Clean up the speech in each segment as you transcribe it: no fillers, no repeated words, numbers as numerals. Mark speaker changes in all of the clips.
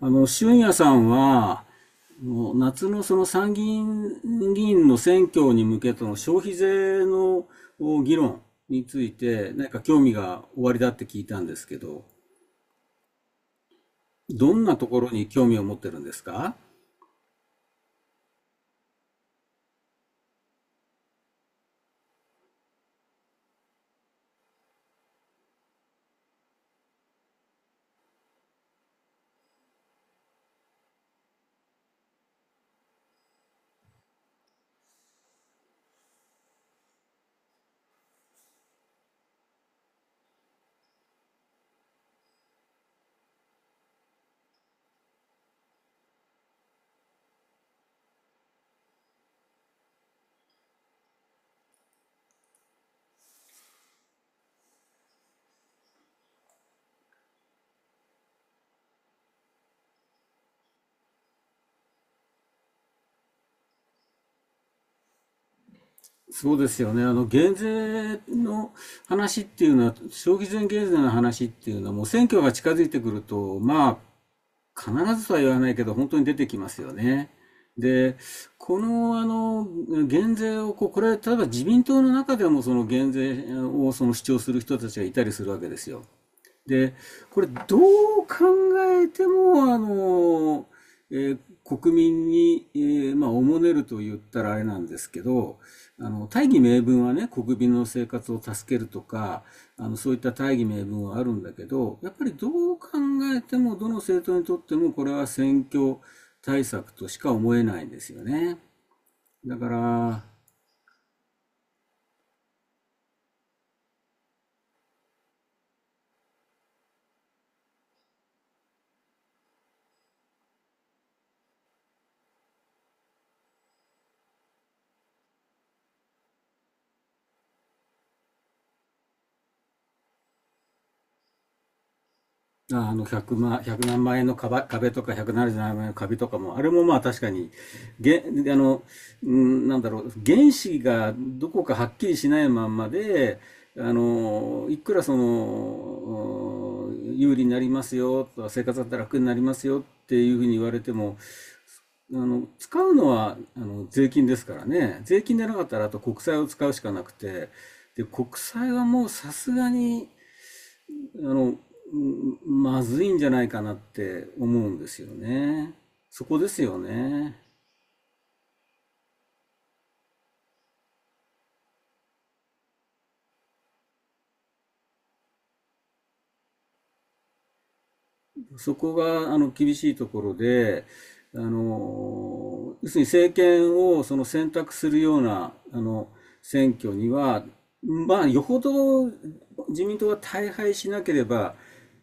Speaker 1: 俊也さんは、夏のその参議院議員の選挙に向けての消費税の議論について、なんか興味がおありだって聞いたんですけど、どんなところに興味を持ってるんですか？そうですよね。減税の話っていうのは、消費税減税の話っていうのは、もう選挙が近づいてくると、必ずとは言わないけど、本当に出てきますよね。で、この、あの、減税をこう、これ、例えば自民党の中でも、その減税をその主張する人たちがいたりするわけですよ。で、これどう考えても、えー国民に、おもねると言ったらあれなんですけど、あの、大義名分はね、国民の生活を助けるとか、あの、そういった大義名分はあるんだけど、やっぱりどう考えても、どの政党にとっても、これは選挙対策としか思えないんですよね。だから、あの100万、100何万円の壁とか177万円の壁とかも、あれもまあ確かに、げ、あの、ん、なんだろう、原子がどこかはっきりしないまんまで、あの、いくらその、有利になりますよとか、生活だったら楽になりますよっていうふうに言われても、あの、使うのは、あの、税金ですからね。税金でなかったら、あと国債を使うしかなくて、で、国債はもうさすがに、あの、まずいんじゃないかなって思うんですよね。そこですよね。そこが、あの、厳しいところで、あの、要するに政権をその選択するような、あの、選挙には、まあ、よほど自民党が大敗しなければ、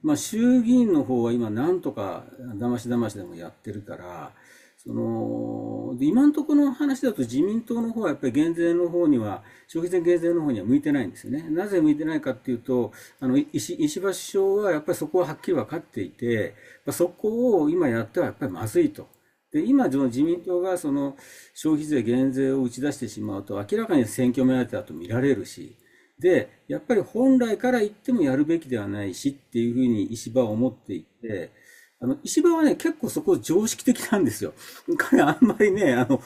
Speaker 1: まあ、衆議院の方は今、なんとかだましだましでもやってるから、その、で今のところの話だと自民党の方はやっぱり減税の方には、消費税減税の方には向いてないんですよね。なぜ向いてないかっていうと、あの、石破首相はやっぱりそこははっきり分かっていて、そこを今やってはやっぱりまずいと。で、今、その自民党がその消費税減税を打ち出してしまうと、明らかに選挙目当てだと見られるし、で、やっぱり本来から言ってもやるべきではないしっていうふうに石破は思っていて、あの、石破はね、結構そこ常識的なんですよ。彼あんまりね、あの、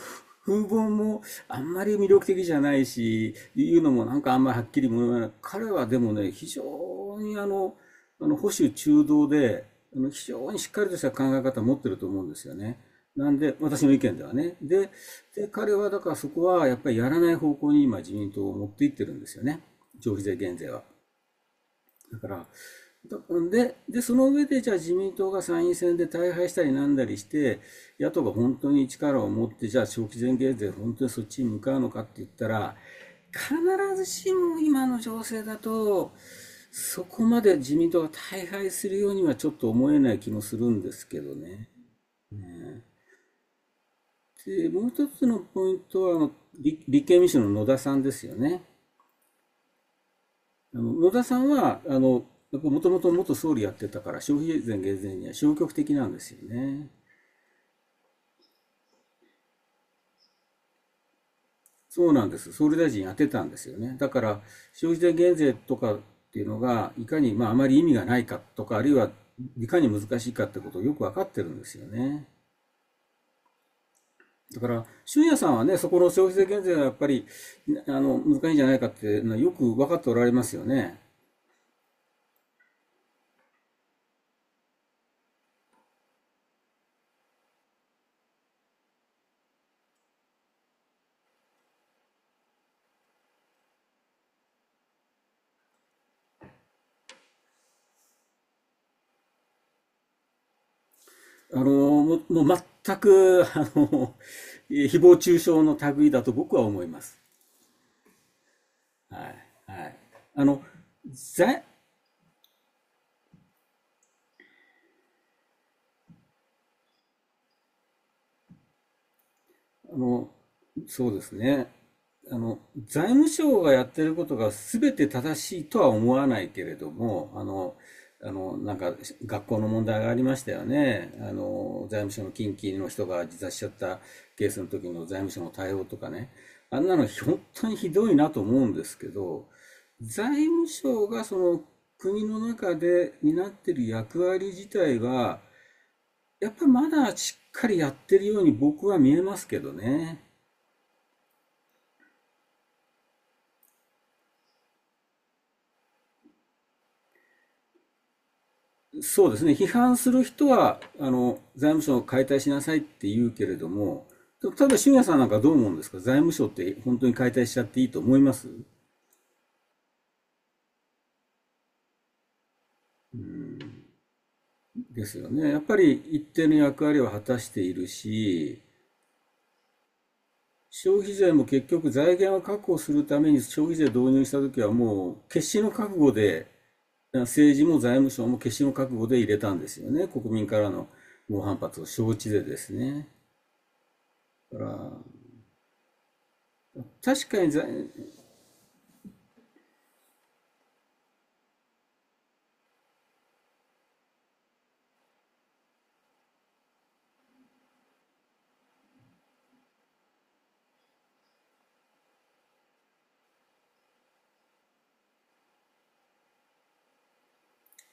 Speaker 1: 風貌もあんまり魅力的じゃないし、いうのもなんかあんまりはっきりも言わない。彼はでもね、非常に保守中道で、あの非常にしっかりとした考え方を持ってると思うんですよね。なんで、私の意見ではね。で彼はだからそこはやっぱりやらない方向に今自民党を持っていってるんですよね。消費税減税は。だから、その上で、じゃあ自民党が参院選で大敗したりなんだりして、野党が本当に力を持って、じゃあ消費税減税、本当にそっちに向かうのかって言ったら、必ずしも今の情勢だと、そこまで自民党が大敗するようにはちょっと思えない気もするんですけどね。で、もう一つのポイントは、あの、立憲民主の野田さんですよね。あの野田さんは、あの、もともと元総理やってたから、消費税減税には消極的なんですよね。そうなんです。総理大臣やってたんですよね。だから、消費税減税とかっていうのが、いかに、まあ、あまり意味がないかとか、あるいは、いかに難しいかってことをよくわかってるんですよね。だから、俊也さんはね、そこの消費税減税がやっぱり、あの、難しいんじゃないかっていうのはよく分かっておられますよね。あの、もう全く、あの、誹謗中傷の類だと僕は思います。はい、はい。あの、財、あの、そうですね。あの、財務省がやってることが全て正しいとは思わないけれども、なんか学校の問題がありましたよね。あの、財務省の近畿の人が自殺しちゃったケースの時の財務省の対応とかね。あんなの本当にひどいなと思うんですけど、財務省がその国の中で担ってる役割自体は、やっぱまだしっかりやってるように僕は見えますけどね。そうですね。批判する人は、あの、財務省を解体しなさいって言うけれども、例えば、俊也さんなんかどう思うんですか？財務省って本当に解体しちゃっていいと思いますですよね。やっぱり一定の役割を果たしているし、消費税も結局財源を確保するために消費税導入した時はもう決死の覚悟で政治も財務省も決心を覚悟で入れたんですよね、国民からの猛反発を承知でですね。だから確かに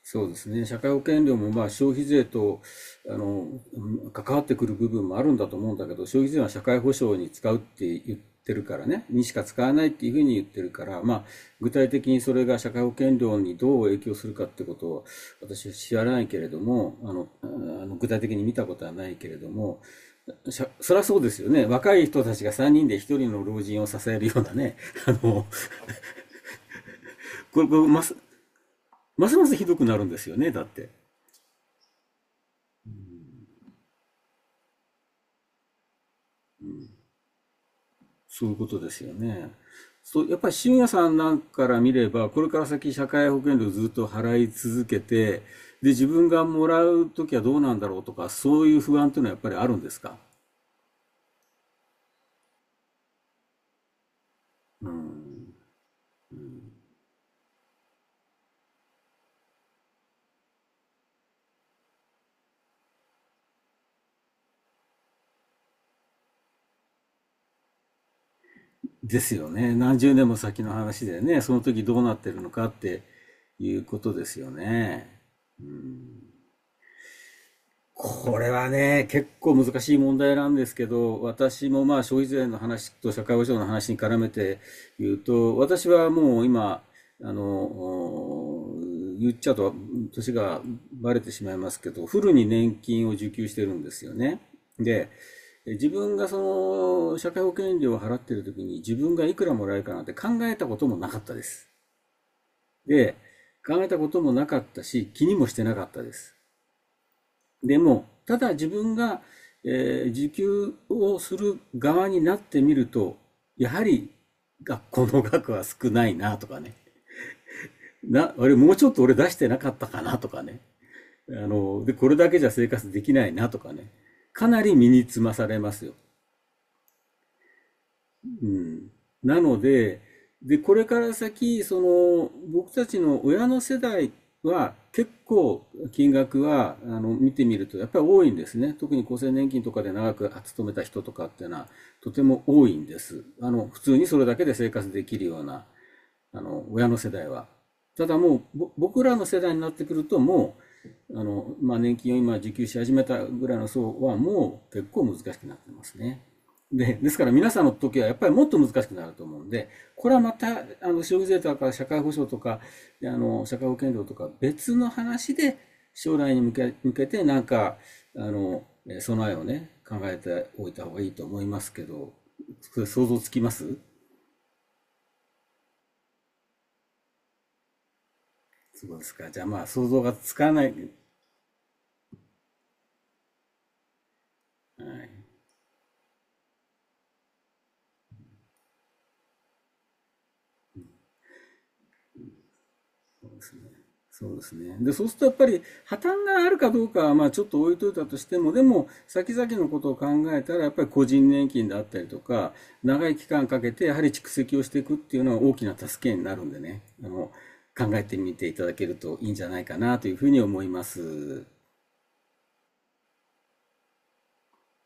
Speaker 1: そうですね、社会保険料もまあ消費税とあの関わってくる部分もあるんだと思うんだけど、消費税は社会保障に使うって言ってるからね、にしか使わないっていうふうに言ってるから、まあ、具体的にそれが社会保険料にどう影響するかってことを私は知らないけれども、あの具体的に見たことはないけれども、そりゃそうですよね。若い人たちが3人で1人の老人を支えるようなね。あの、これ、これます、ますますひどくなるんですよね。だって。そういうことですよね。そう、やっぱり信也さんなんかから見れば、これから先社会保険料ずっと払い続けて、で、自分がもらうときはどうなんだろうとか、そういう不安というのはやっぱりあるんですか？うん。ですよね。何十年も先の話でね、その時どうなってるのかっていうことですよね。これはね、結構難しい問題なんですけど、私もまあ消費税の話と社会保障の話に絡めて言うと、私はもう今、あの、お言っちゃうと年がバレてしまいますけど、フルに年金を受給してるんですよね。で、自分がその社会保険料を払ってる時に自分がいくらもらえるかなんて考えたこともなかったです。で、考えたこともなかったし、気にもしてなかったです。でも、ただ自分が、受給をする側になってみると、やはり学校の額は少ないなとかね。あれもうちょっと俺出してなかったかなとかね。あの、で、これだけじゃ生活できないなとかね。かなり身につまされますよ。うん。なので、で、これから先、その、僕たちの親の世代は結構金額は、あの、見てみるとやっぱり多いんですね。特に厚生年金とかで長く勤めた人とかっていうのはとても多いんです。あの、普通にそれだけで生活できるようなあの、親の世代は。ただもう、僕らの世代になってくると、あの、まあ、年金を今受給し始めたぐらいの層は、もう結構難しくなってますね。で、ですから皆さんの時はやっぱりもっと難しくなると思うんで、これはまた、あの、消費税とか社会保障とか、あの、社会保険料とか別の話で、将来に向け、向けてなんか、あの、備えをね、考えておいた方がいいと思いますけど、想像つきますそうですか。じゃあまあ想像がつかない。はい。そうですね。そうですね、でそうするとやっぱり破綻があるかどうかはまあちょっと置いといたとしても、でも先々のことを考えたらやっぱり個人年金であったりとか、長い期間かけてやはり蓄積をしていくっていうのは大きな助けになるんでね、あの、考えてみていただけるといいんじゃないかなというふうに思います。